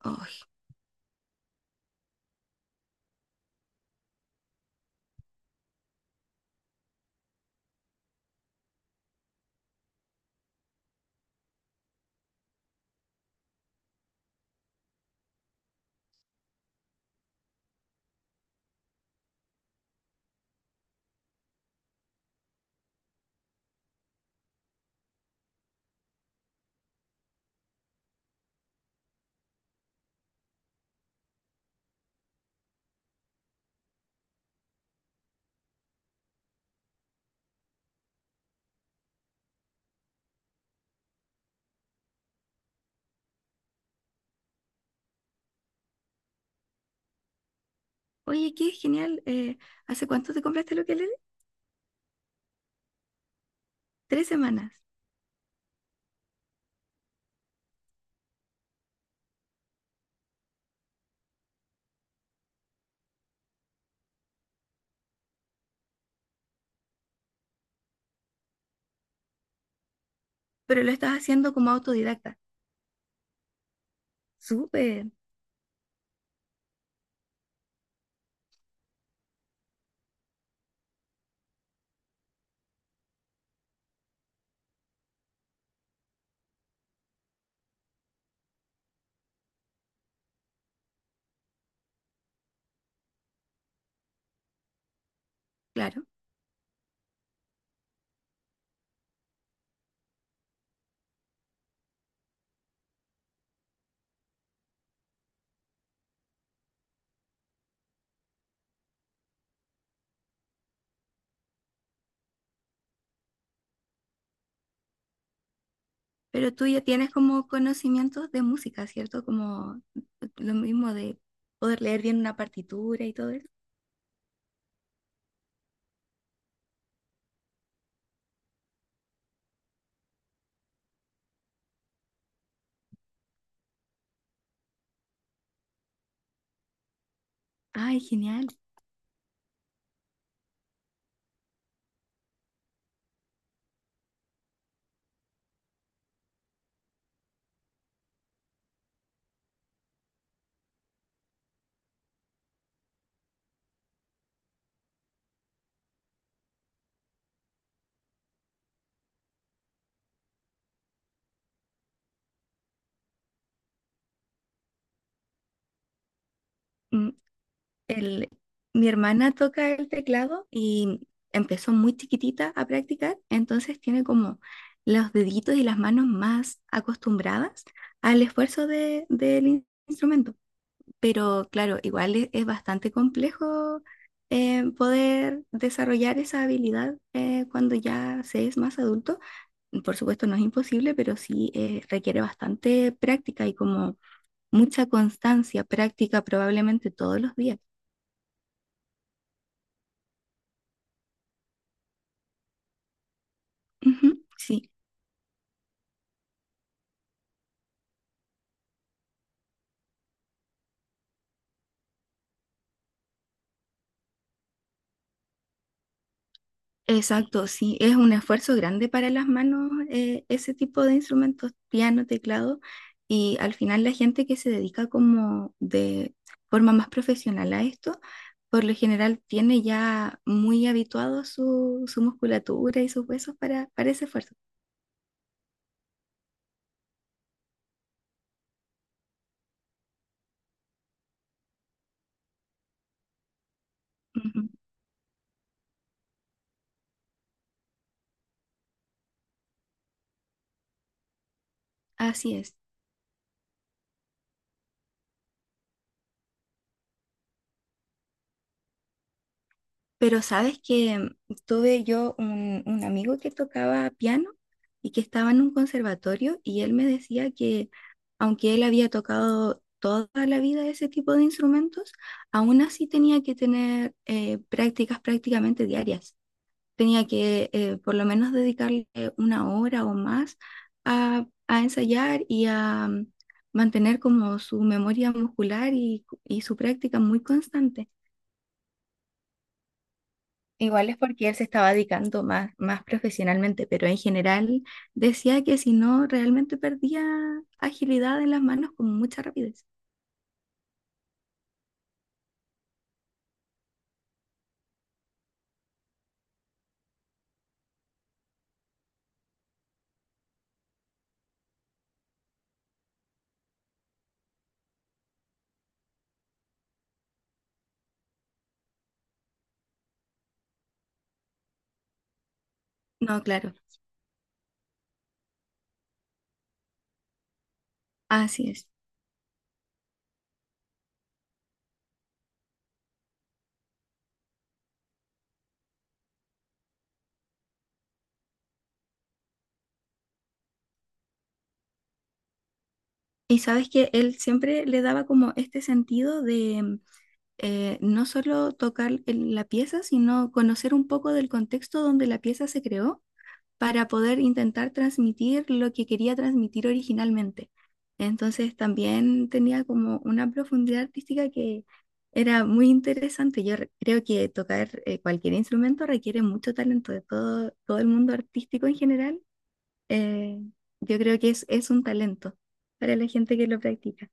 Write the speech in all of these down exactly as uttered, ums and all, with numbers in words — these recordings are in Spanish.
Ay, oye, qué genial. Eh, ¿hace cuánto te compraste lo que le Tres semanas. Pero lo estás haciendo como autodidacta. Súper, claro. Pero tú ya tienes como conocimientos de música, ¿cierto? Como lo mismo de poder leer bien una partitura y todo eso. Ay, genial. Mm, el, mi hermana toca el teclado y empezó muy chiquitita a practicar, entonces tiene como los deditos y las manos más acostumbradas al esfuerzo de- del instrumento. Pero claro, igual es, es bastante complejo eh, poder desarrollar esa habilidad eh, cuando ya se es más adulto. Por supuesto, no es imposible, pero sí eh, requiere bastante práctica y como mucha constancia, práctica probablemente todos los días. Ujú, sí. Exacto, sí, es un esfuerzo grande para las manos eh, ese tipo de instrumentos, piano, teclado, y al final la gente que se dedica como de forma más profesional a esto, por lo general tiene ya muy habituado su, su musculatura y sus huesos para, para ese esfuerzo. Ujú, así es. Pero sabes que tuve yo un, un amigo que tocaba piano y que estaba en un conservatorio y él me decía que aunque él había tocado toda la vida ese tipo de instrumentos, aún así tenía que tener eh, prácticas prácticamente diarias. Tenía que eh, por lo menos dedicarle una hora o más a, a ensayar y a mm, mantener como su memoria muscular y y su práctica muy constante. Igual es porque él se estaba dedicando más, más profesionalmente, pero en general decía que si no, realmente perdía agilidad en las manos con mucha rapidez. No, claro, así es. Y sabes que él siempre le daba como este sentido de eh, no solo tocar el- la pieza, sino conocer un poco del contexto donde la pieza se creó para poder intentar transmitir lo que quería transmitir originalmente. Entonces también tenía como una profundidad artística que era muy interesante. Yo re- creo que tocar eh, cualquier instrumento requiere mucho talento de todo, todo el mundo artístico en general. eh, yo creo que es, es un talento para la gente que lo practica.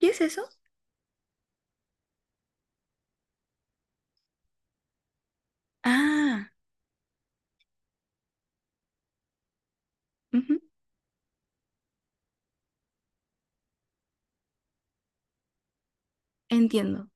¿Qué es eso? Ah, ujú, entiendo.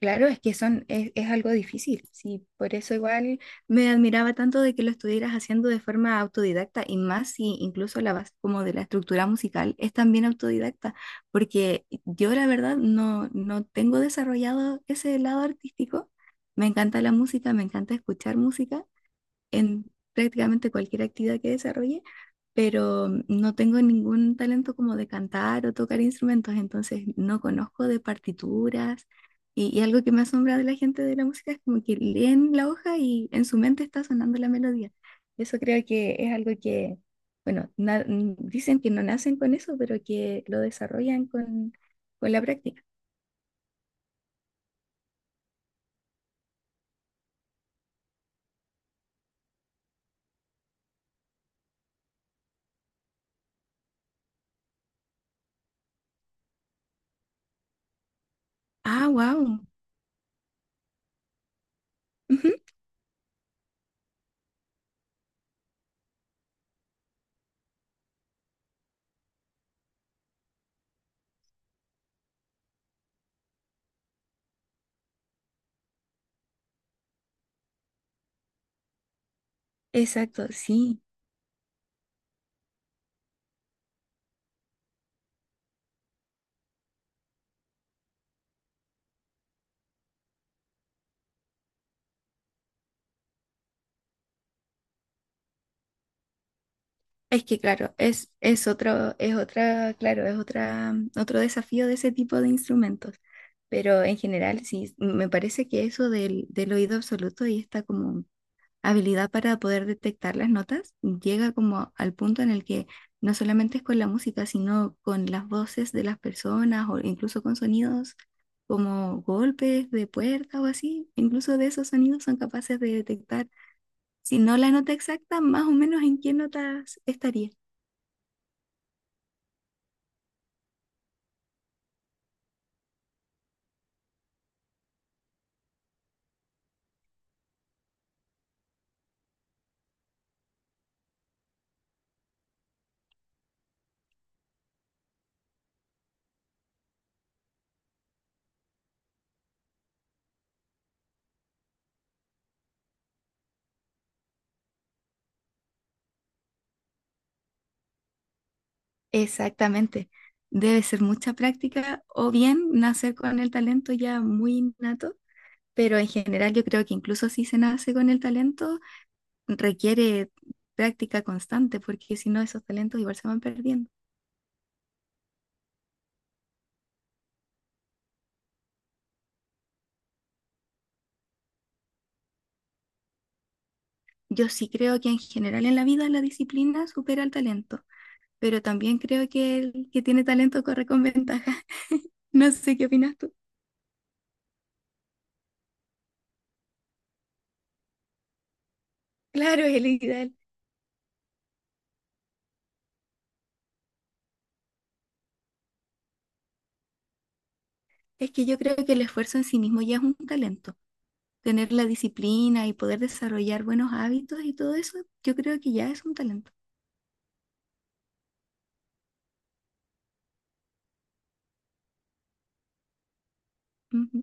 Claro, es que son, es, es algo difícil, sí, por eso igual me admiraba tanto de que lo estuvieras haciendo de forma autodidacta y más si incluso la base como de la estructura musical es también autodidacta, porque yo la verdad no, no tengo desarrollado ese lado artístico, me encanta la música, me encanta escuchar música, en prácticamente cualquier actividad que desarrolle, pero no tengo ningún talento como de cantar o tocar instrumentos, entonces no conozco de partituras. Y, y algo que me asombra de la gente de la música es como que leen la hoja y en su mente está sonando la melodía. Eso creo que es algo que, bueno, na- n- dicen que no nacen con eso, pero que lo desarrollan con, con la práctica. Ah, wow. Exacto, sí. Es que claro, es, es otro, es otra, claro, es otra, mm, otro desafío de ese tipo de instrumentos. Pero en general, sí, me parece que eso del, del oído absoluto y esta como habilidad para poder detectar las notas llega como al punto en el que no solamente es con la música, sino con las voces de las personas o incluso con sonidos como golpes de puerta o así, incluso de esos sonidos son capaces de detectar, si no la nota exacta, más o menos en qué notas estaría. Exactamente. Debe ser mucha práctica o bien nacer con el talento ya muy innato, pero en general yo creo que incluso si se nace con el talento, requiere práctica constante, porque si no esos talentos igual se van perdiendo. Yo sí creo que en general en la vida la disciplina supera al talento, pero también creo que el que tiene talento corre con ventaja. No sé qué opinas tú. Claro, es el ideal. Es que yo creo que el esfuerzo en sí mismo ya es un talento. Tener la disciplina y poder desarrollar buenos hábitos y todo eso, yo creo que ya es un talento. Ujú.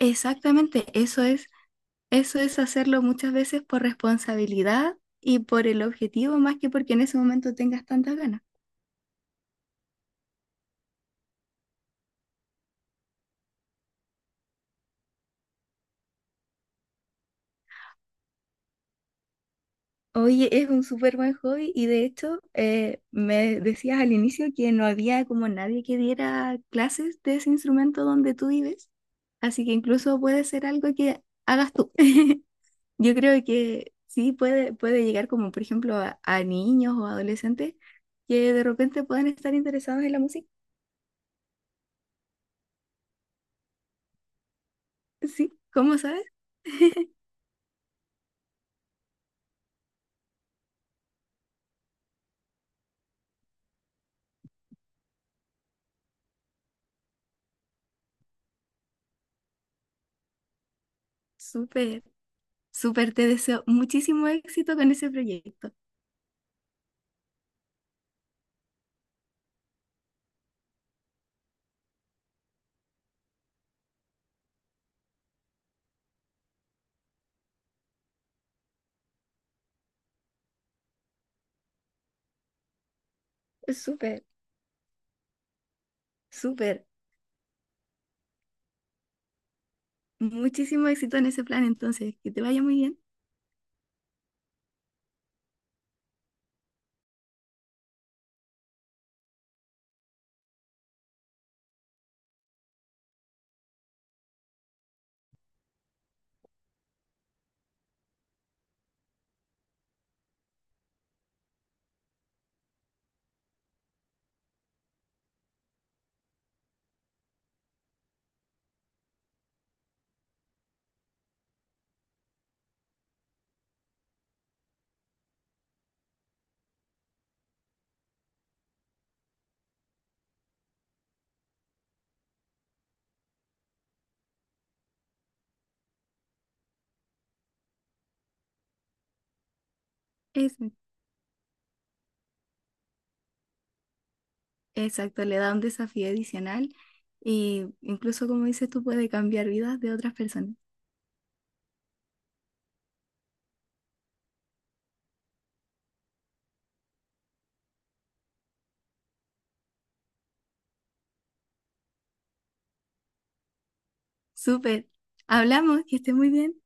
Exactamente, eso es, eso es hacerlo muchas veces por responsabilidad y por el objetivo más que porque en ese momento tengas tantas ganas. Oye, es un súper buen hobby y de hecho eh, me decías al inicio que no había como nadie que diera clases de ese instrumento donde tú vives, así que incluso puede ser algo que hagas tú. Yo creo que sí puede, puede llegar como por ejemplo a, a niños o adolescentes que de repente puedan estar interesados en la música. Sí, ¿cómo sabes? Súper, súper, te deseo muchísimo éxito con ese proyecto. Súper, súper, muchísimo éxito en ese plan. Entonces, que te vaya muy bien. Eso exacto, le da un desafío adicional y incluso como dices tú puede cambiar vidas de otras personas. Súper, hablamos, que esté muy bien.